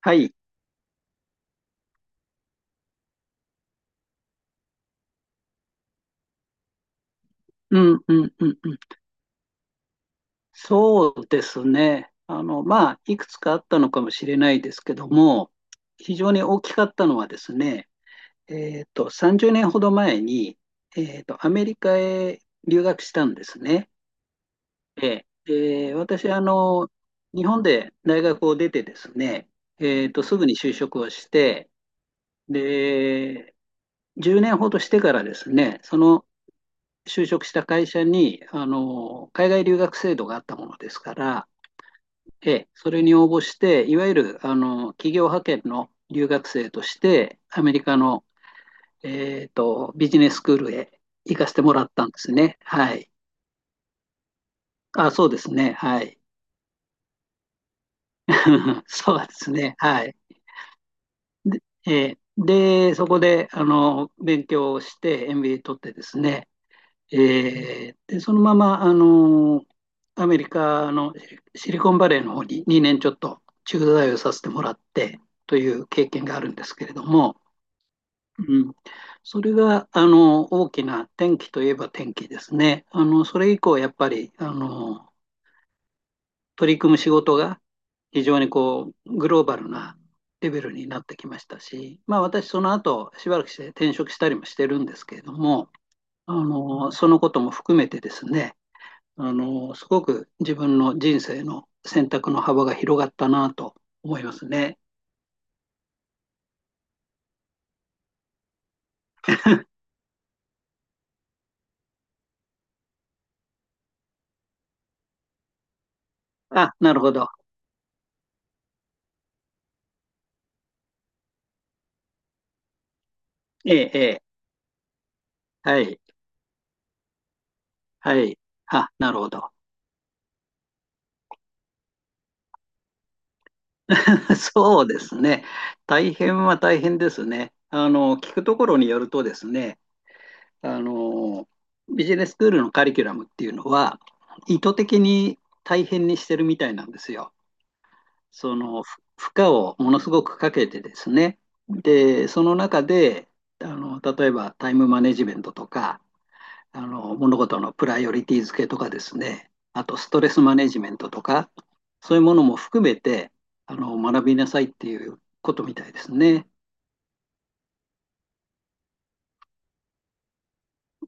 はい。うんうんうんうん。そうですね。まあ、いくつかあったのかもしれないですけども、非常に大きかったのはですね、30年ほど前に、アメリカへ留学したんですね。で私、日本で大学を出てですね、すぐに就職をして、で、10年ほどしてからですね、その就職した会社に、海外留学制度があったものですから、ええ、それに応募して、いわゆる、企業派遣の留学生として、アメリカの、ビジネススクールへ行かせてもらったんですね。はい。あ、そうですね。はい。そうですね。はい。で、そこで、勉強をして、MBA 取ってですね、で、そのまま、アメリカのシリコンバレーの方に2年ちょっと駐在をさせてもらってという経験があるんですけれども、うん、それが、大きな転機といえば転機ですね。それ以降、やっぱり、取り組む仕事が非常にこうグローバルなレベルになってきましたし、まあ、私、その後しばらくして転職したりもしてるんですけれども、そのことも含めてですね、すごく自分の人生の選択の幅が広がったなと思いますね。あ、なるほど。ええ、ええ、はい、はい。あ、なるほど。そうですね。大変は大変ですね。聞くところによるとですね、あの、ビジネススクールのカリキュラムっていうのは、意図的に大変にしてるみたいなんですよ。その負荷をものすごくかけてですね、で、その中で、例えばタイムマネジメントとか、物事のプライオリティ付けとかですね、あとストレスマネジメントとか、そういうものも含めて、学びなさいっていうことみたいですね。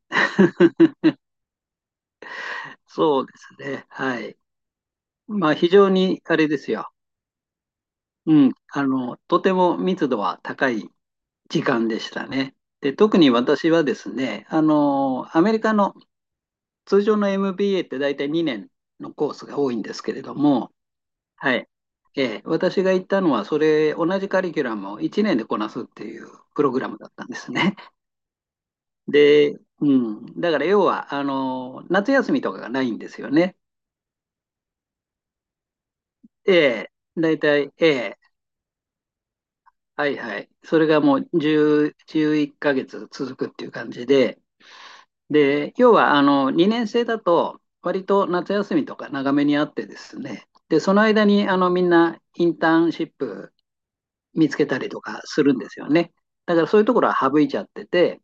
そうですね。はい。まあ、非常にあれですよ。うん。とても密度は高い時間でしたね。で、特に私はですね、アメリカの通常の MBA って大体2年のコースが多いんですけれども、はい。私が行ったのは、それ、同じカリキュラムを1年でこなすっていうプログラムだったんですね。で、うん。だから要は、夏休みとかがないんですよね。ええ、大体、ええ、はいはい。それがもう11ヶ月続くっていう感じで、で、要は2年生だと、割と夏休みとか長めにあってですね、で、その間にみんなインターンシップ見つけたりとかするんですよね。だからそういうところは省いちゃってて、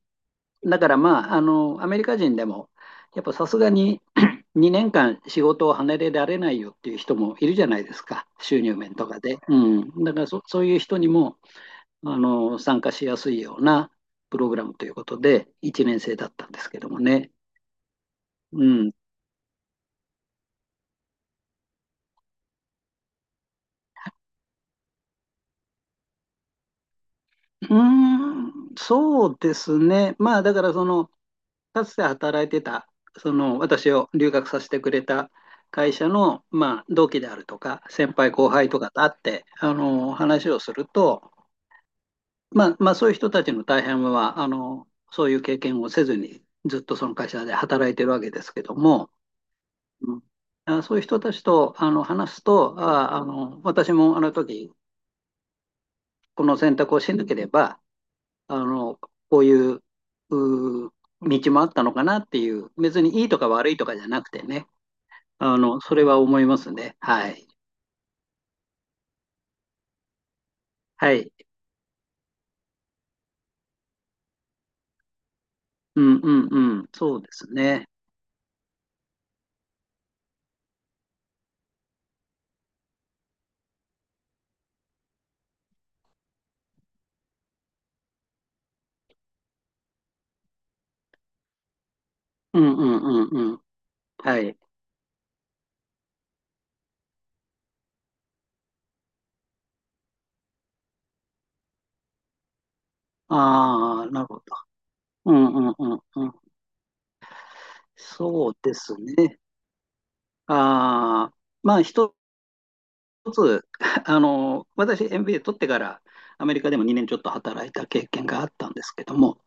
だからまあ、アメリカ人でも、やっぱさすがに 2年間仕事を離れられないよっていう人もいるじゃないですか、収入面とかで。うん、だからそういう人にも参加しやすいようなプログラムということで、1年生だったんですけどもね。うん、うーん、そうですね。まあ、だからかつて働いてた、その、私を留学させてくれた会社の、まあ、同期であるとか、先輩後輩とかと会って、話をすると、まあ、まあ、そういう人たちの大半は、そういう経験をせずに、ずっとその会社で働いてるわけですけども、うん、あ、そういう人たちと、話すと、あ、私もあの時、この選択をしなければ、あの、こういう、うー道もあったのかなっていう、別にいいとか悪いとかじゃなくてね、それは思いますね。はい。はい。うんうんうん。そうですね。うんうんうんうん。はい。ああ、なるほど。うんうんうんうん。そうですね。ああ、まあ一つ、私 MBA 取ってからアメリカでも2年ちょっと働いた経験があったんですけども、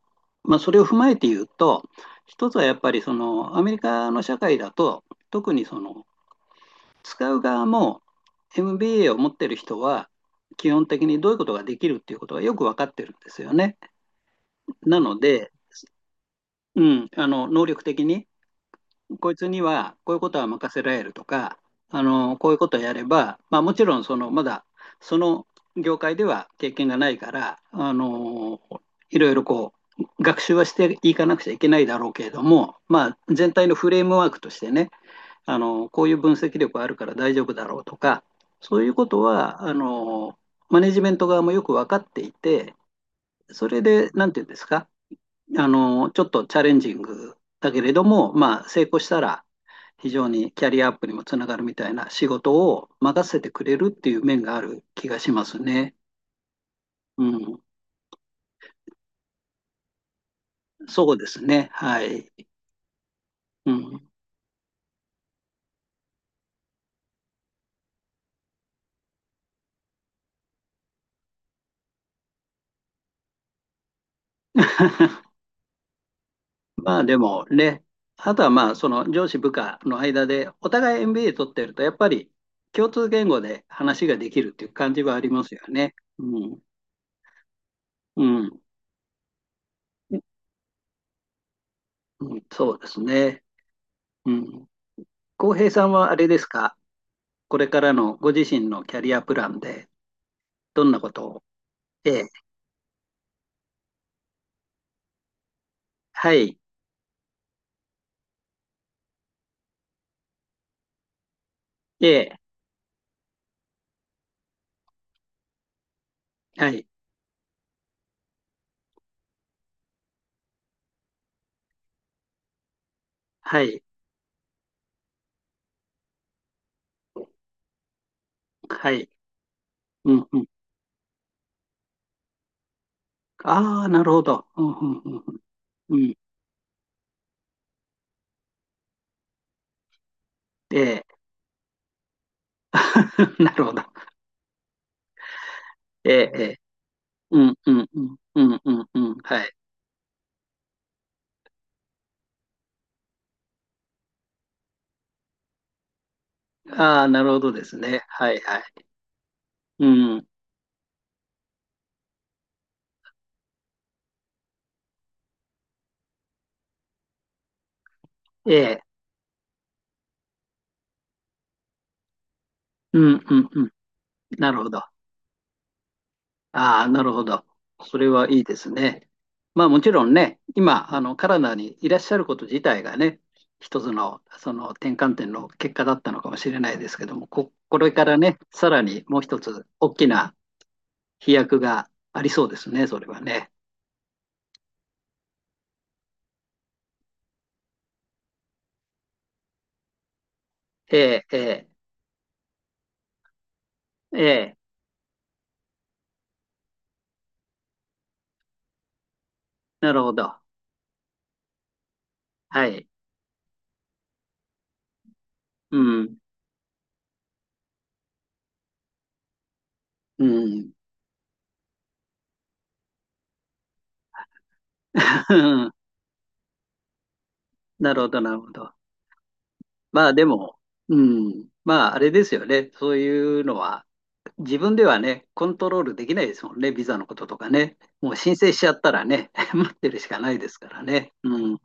まあ、それを踏まえて言うと、一つはやっぱりそのアメリカの社会だと、特にその使う側も MBA を持ってる人は、基本的にどういうことができるっていうことがよく分かってるんですよね。なので、うん、能力的にこいつにはこういうことは任せられるとか、こういうことをやれば、まあ、もちろんまだその業界では経験がないから、いろいろこう学習はしていかなくちゃいけないだろうけれども、まあ、全体のフレームワークとしてね、こういう分析力あるから大丈夫だろうとか、そういうことはマネジメント側もよく分かっていて、それで何て言うんですか、ちょっとチャレンジングだけれども、まあ、成功したら、非常にキャリアアップにもつながるみたいな仕事を任せてくれるっていう面がある気がしますね。うん、そうですね。はい。うん、まあでもね、あとはまあその上司部下の間でお互い MBA 取ってるとやっぱり共通言語で話ができるっていう感じはありますよね。うん、うん、うん、そうですね。うん、浩平さんはあれですか？これからのご自身のキャリアプランで、どんなことを。えーはい。えはい。はい。はい。うん、うん。ああ、なるほど。うん、うん、うん、うん、うんえなるほど。ええ、うん、うん、うん、うん、うん、うん、はい。ああ、なるほどですね。はい、はい。うん、ええ、うん、うん、うん、なるほど。ああ、なるほど。それはいいですね。まあもちろんね、今、カナダにいらっしゃること自体がね、一つの、その転換点の結果だったのかもしれないですけども、これからね、さらにもう一つ大きな飛躍がありそうですね、それはね。ええ、ええ、ええ、なるほど。はい。うん、うん。うん、なるほど、なるほど。まあでも、うん、まああれですよね。そういうのは、自分ではね、コントロールできないですもんね、ビザのこととかね。もう申請しちゃったらね、待ってるしかないですからね。うん、うん、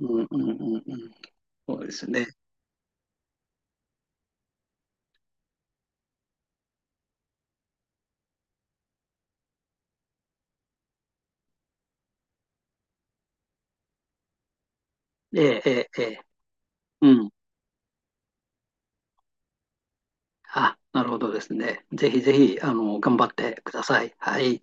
うん、うん、うん。そうですね。ええ、ええ、ええ、うん。あ、なるほどですね。ぜひぜひ、頑張ってください。はい。